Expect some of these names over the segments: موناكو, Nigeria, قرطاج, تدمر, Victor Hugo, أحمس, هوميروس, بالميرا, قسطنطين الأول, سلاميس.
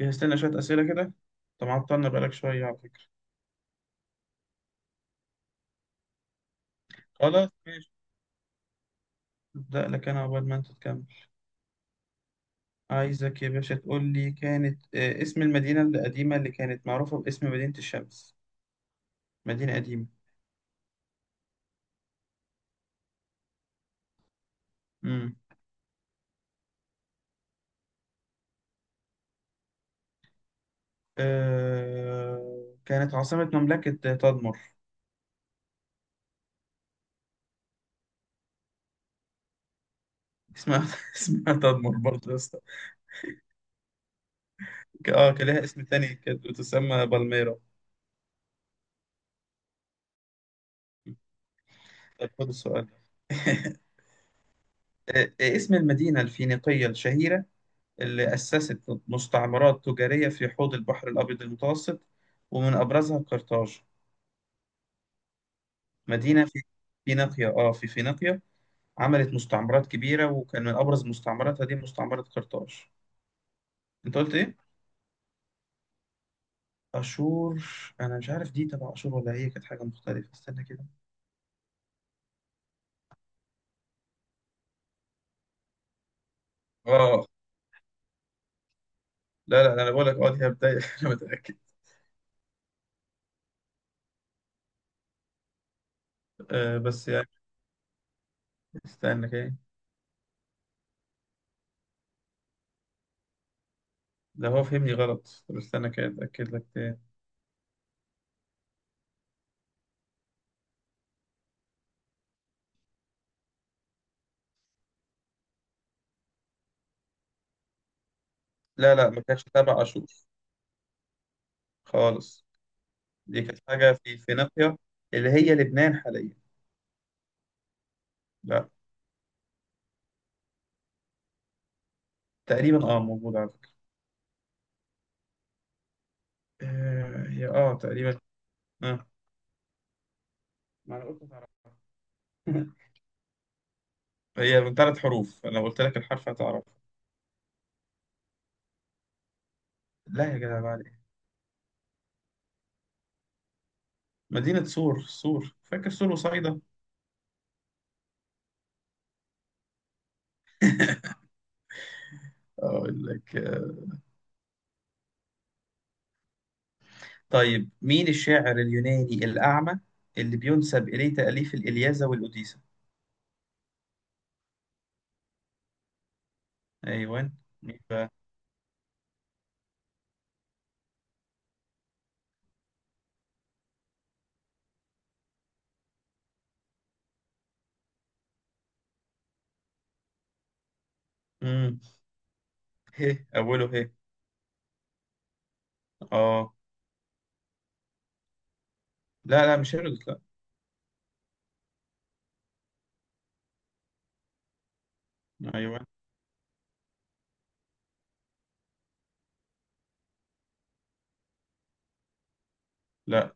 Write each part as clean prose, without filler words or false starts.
جهزت لنا شوية أسئلة كده. طب عطلنا بقالك شوية على فكرة. خلاص ماشي، أبدأ لك أنا عقبال ما أنت تكمل. عايزك يا باشا تقول لي كانت اسم المدينة القديمة اللي كانت معروفة باسم مدينة الشمس. مدينة قديمة. مم. كانت عاصمة مملكة تدمر. اسمها اسمها تدمر برضه يا اسطى. كان لها اسم تاني، كانت بتسمى بالميرا. طب خد السؤال. اسم المدينة الفينيقية الشهيرة اللي أسست مستعمرات تجارية في حوض البحر الأبيض المتوسط، ومن أبرزها قرطاج. مدينة في فينيقيا، في فينيقيا، عملت مستعمرات كبيرة وكان من أبرز مستعمراتها دي مستعمرة قرطاج. أنت قلت إيه؟ أشور؟ أنا مش عارف دي تبع أشور ولا هي كانت حاجة مختلفة، استنى كده. آه، لا لا، أنا بقول لك دي بداية. أنا متأكد. بس يعني استنى كده. لا، هو فهمني غلط، طب استنى كده أتأكد لك تاني. لا لا، ما كانتش تبع أشور خالص. دي كانت حاجة في فينيقيا، اللي هي لبنان حاليا. لا. تقريبا اه موجودة على فكرة. هي اه تقريبا. اه، ما انا قلت هتعرف. هي من ثلاث حروف، انا قلت لك الحرف هتعرف. لا يا جدع، بعد إيه؟ مدينة سور، سور فاكر، سور وصيدا. اقول لك طيب، مين الشاعر اليوناني الأعمى اللي بينسب إليه تأليف الإلياذة والأوديسة؟ أيوان. مين بقى؟ مم. هي أوله هي. اه. لا لا، مش هيرودوت. لا، أيوان. لا،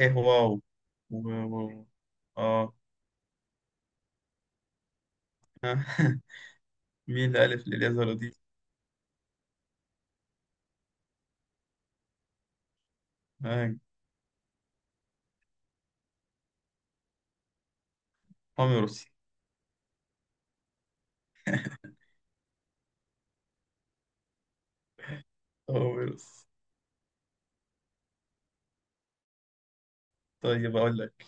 ايه واو. و- و- اه. مين اللي ألف لليزرة دي؟ آه، هوميروس. هوميروس. طيب أقول لك.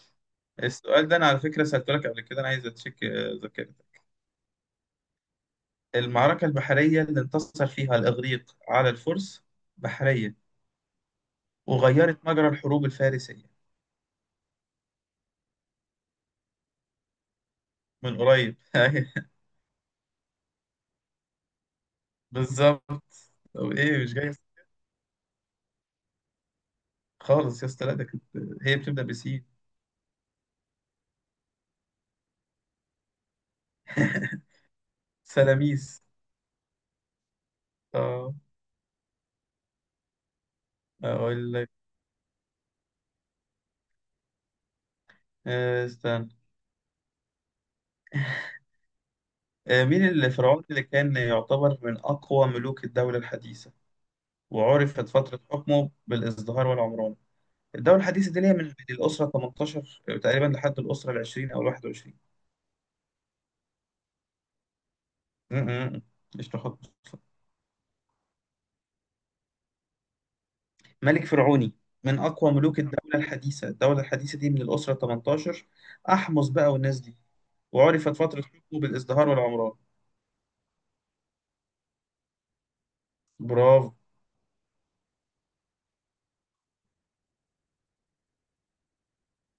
السؤال ده أنا على فكرة سألته لك قبل كده، أنا عايز أتشيك ذاكرتك. المعركة البحرية اللي انتصر فيها الإغريق على الفرس، بحرية، وغيرت مجرى الحروب الفارسية. من قريب. أيوة، بالظبط. طب إيه مش جاي؟ خالص يا اسطى، لا ده كانت، هي بتبدأ بسين. سلاميس. اه، أقول لك. استنى. مين الفرعون اللي كان يعتبر من أقوى ملوك الدولة الحديثة وعرفت فترة حكمه بالازدهار والعمران؟ الدولة الحديثة دي اللي هي من الأسرة 18 تقريبا لحد الأسرة ال 20 أو ال 21. م- م- م. مش تحط؟ ملك فرعوني من أقوى ملوك الدولة الحديثة، الدولة الحديثة دي من الأسرة 18، أحمس بقى والناس دي، وعرفت فترة حكمه بالازدهار والعمران. برافو.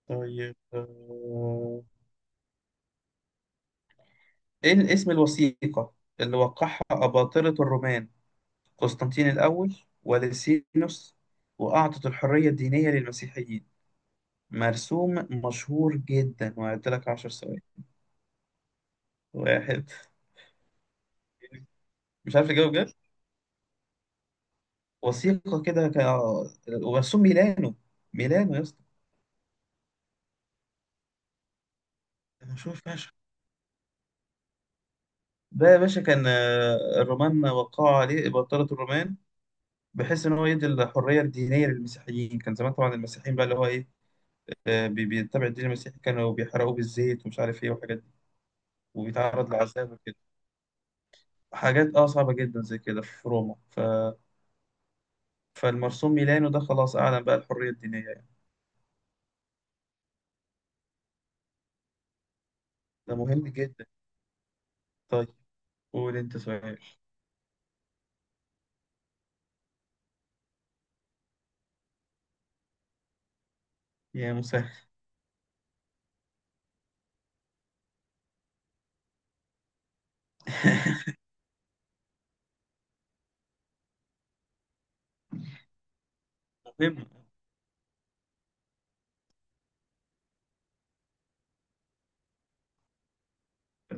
طيب إيه اسم الوثيقة اللي وقعها أباطرة الرومان قسطنطين الأول ولسينوس وأعطت الحرية الدينية للمسيحيين؟ مرسوم مشهور جدا، وهعد لك عشر ثواني. واحد. مش عارف اجاوب بجد. وثيقة كده ك... آه، ومرسوم ميلانو. ميلانو يا اسطى، مشهور فشخ. ده يا باشا كان الرومان وقعوا عليه، بطلت الرومان، بحيث ان هو يدي الحريه الدينيه للمسيحيين. كان زمان طبعا المسيحيين بقى اللي هو ايه، بيتبع الدين المسيحي، كانوا بيحرقوه بالزيت ومش عارف ايه وحاجات دي، وبيتعرض لعذاب وكده، حاجات اه صعبة جدا زي كده في روما فالمرسوم ميلانو ده خلاص أعلن بقى الحرية الدينية يعني. ده مهم جدا. طيب قول أنت سؤال. يا مسهل. مهم.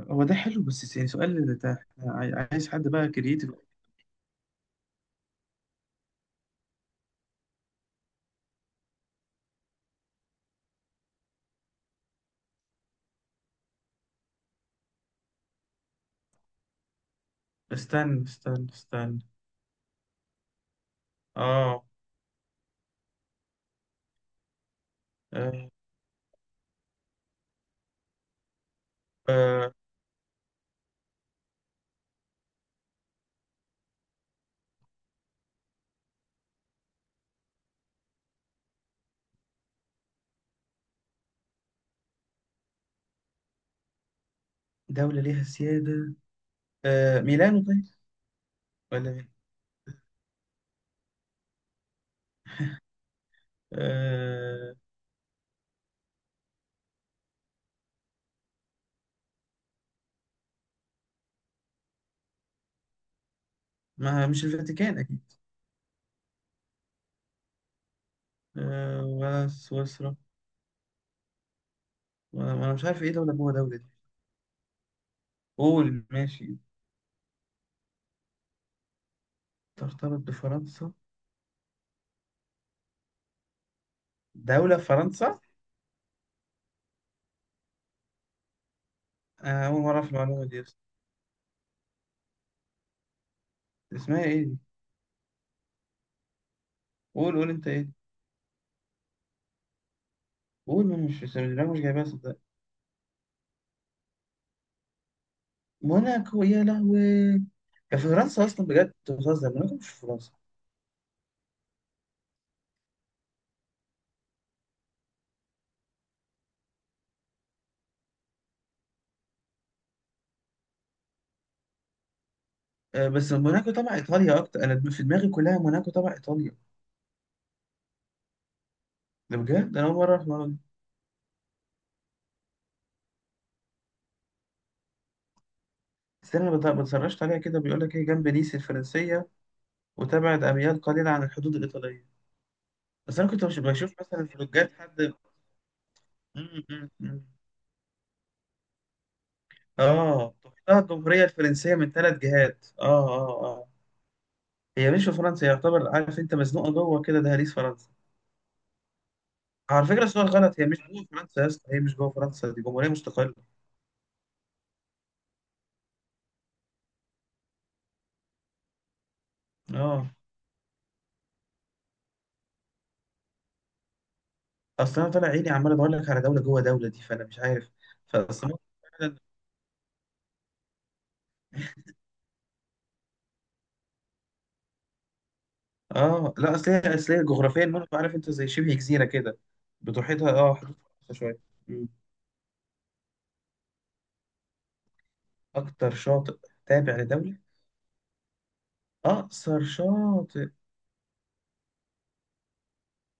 هو ده حلو، بس يعني سؤال ده إحنا عايز حد بقى كرييتيف. استنى. آه. آه، آه، دولة ليها سيادة. آه، ميلانو؟ طيب، ولا مين؟ آه، ما مش الفاتيكان أكيد. آه، ولا سويسرا؟ وأنا مش عارف إيه دولة جوه دولة دي. قول، ماشي. ترتبط بفرنسا؟ دولة في فرنسا؟ آه، أول مرة أعرف المعلومة دي أصلا. اسمها إيه دي؟ قول قول أنت إيه؟ دي؟ قول، ما أنا مش جايبها صدق. موناكو؟ يا لهوي. ده في فرنسا أصلا بجد؟ أنت بتهزر، موناكو مش في فرنسا. آه، بس موناكو تبع إيطاليا أكتر، أنا في دماغي كلها موناكو تبع إيطاليا. ده بجد أنا أول مرة أعرف المعلومة دي. استنى أنا بتسرشت عليها كده، بيقول لك هي جنب نيس الفرنسية، وتبعد أميال قليلة عن الحدود الإيطالية. بس أنا كنت بشوف مثلا فلوجات حد. اه. تحتها الجمهورية الفرنسية من ثلاث جهات. اه. هي مش في فرنسا يعتبر، عارف انت مزنوقة جوه كده دهاليز فرنسا. على فكرة السؤال غلط، هي مش جوه فرنسا يا اسطى، هي مش جوه فرنسا، دي جمهورية مستقلة. اه، اصل انا طالع عيني عمال ادور لك على دولة جوه دولة دي، فانا مش عارف. فاصل مصر. فعلا. اه لا، اصل هي، اصل هي جغرافيا برضه عارف انت زي شبه جزيرة كده، بتحيطها اه حدود فرنسا شوية. مم. اكتر شاطئ تابع لدولة؟ اقصر شاطئ؟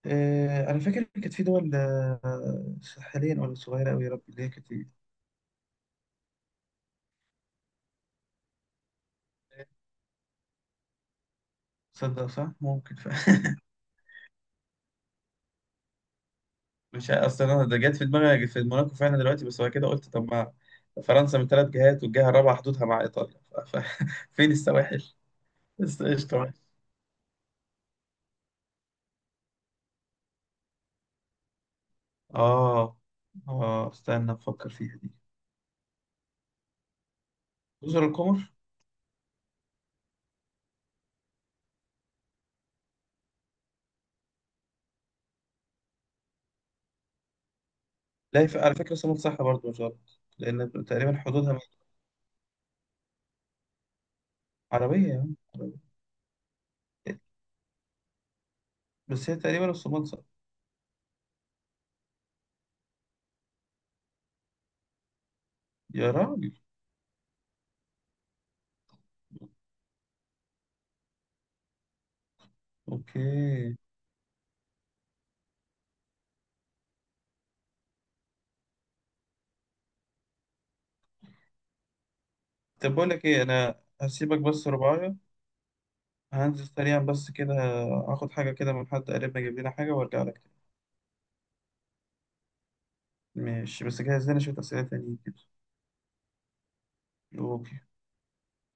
انا فاكر كانت في دول ساحليه، ولا صغيره قوي يا رب اللي هي كانت. تصدق صح، ممكن مش عارف، اصلا انا ده جت في دماغي في موناكو فعلا دلوقتي، بس بعد كده قلت طب ما فرنسا من ثلاث جهات والجهه الرابعه حدودها مع ايطاليا فين السواحل؟ بس قشطه، ماشي. اه، اه استنى افكر فيها دي. جزر القمر. لا على فكره سمك صح برضه، مش غلط، لان تقريبا حدودها مع- عربيه يا عم، عربية. بس هي تقريبا الصومال صح. يا راجل. اوكي. طب بقول لك ايه، انا هسيبك بس رباية، هنزل سريعا بس كده، اخد حاجة كده من حد قريبنا يجيب لنا حاجة وارجع لك تاني. ماشي، بس جهز لنا شوية أسئلة تانية كده. اوكي.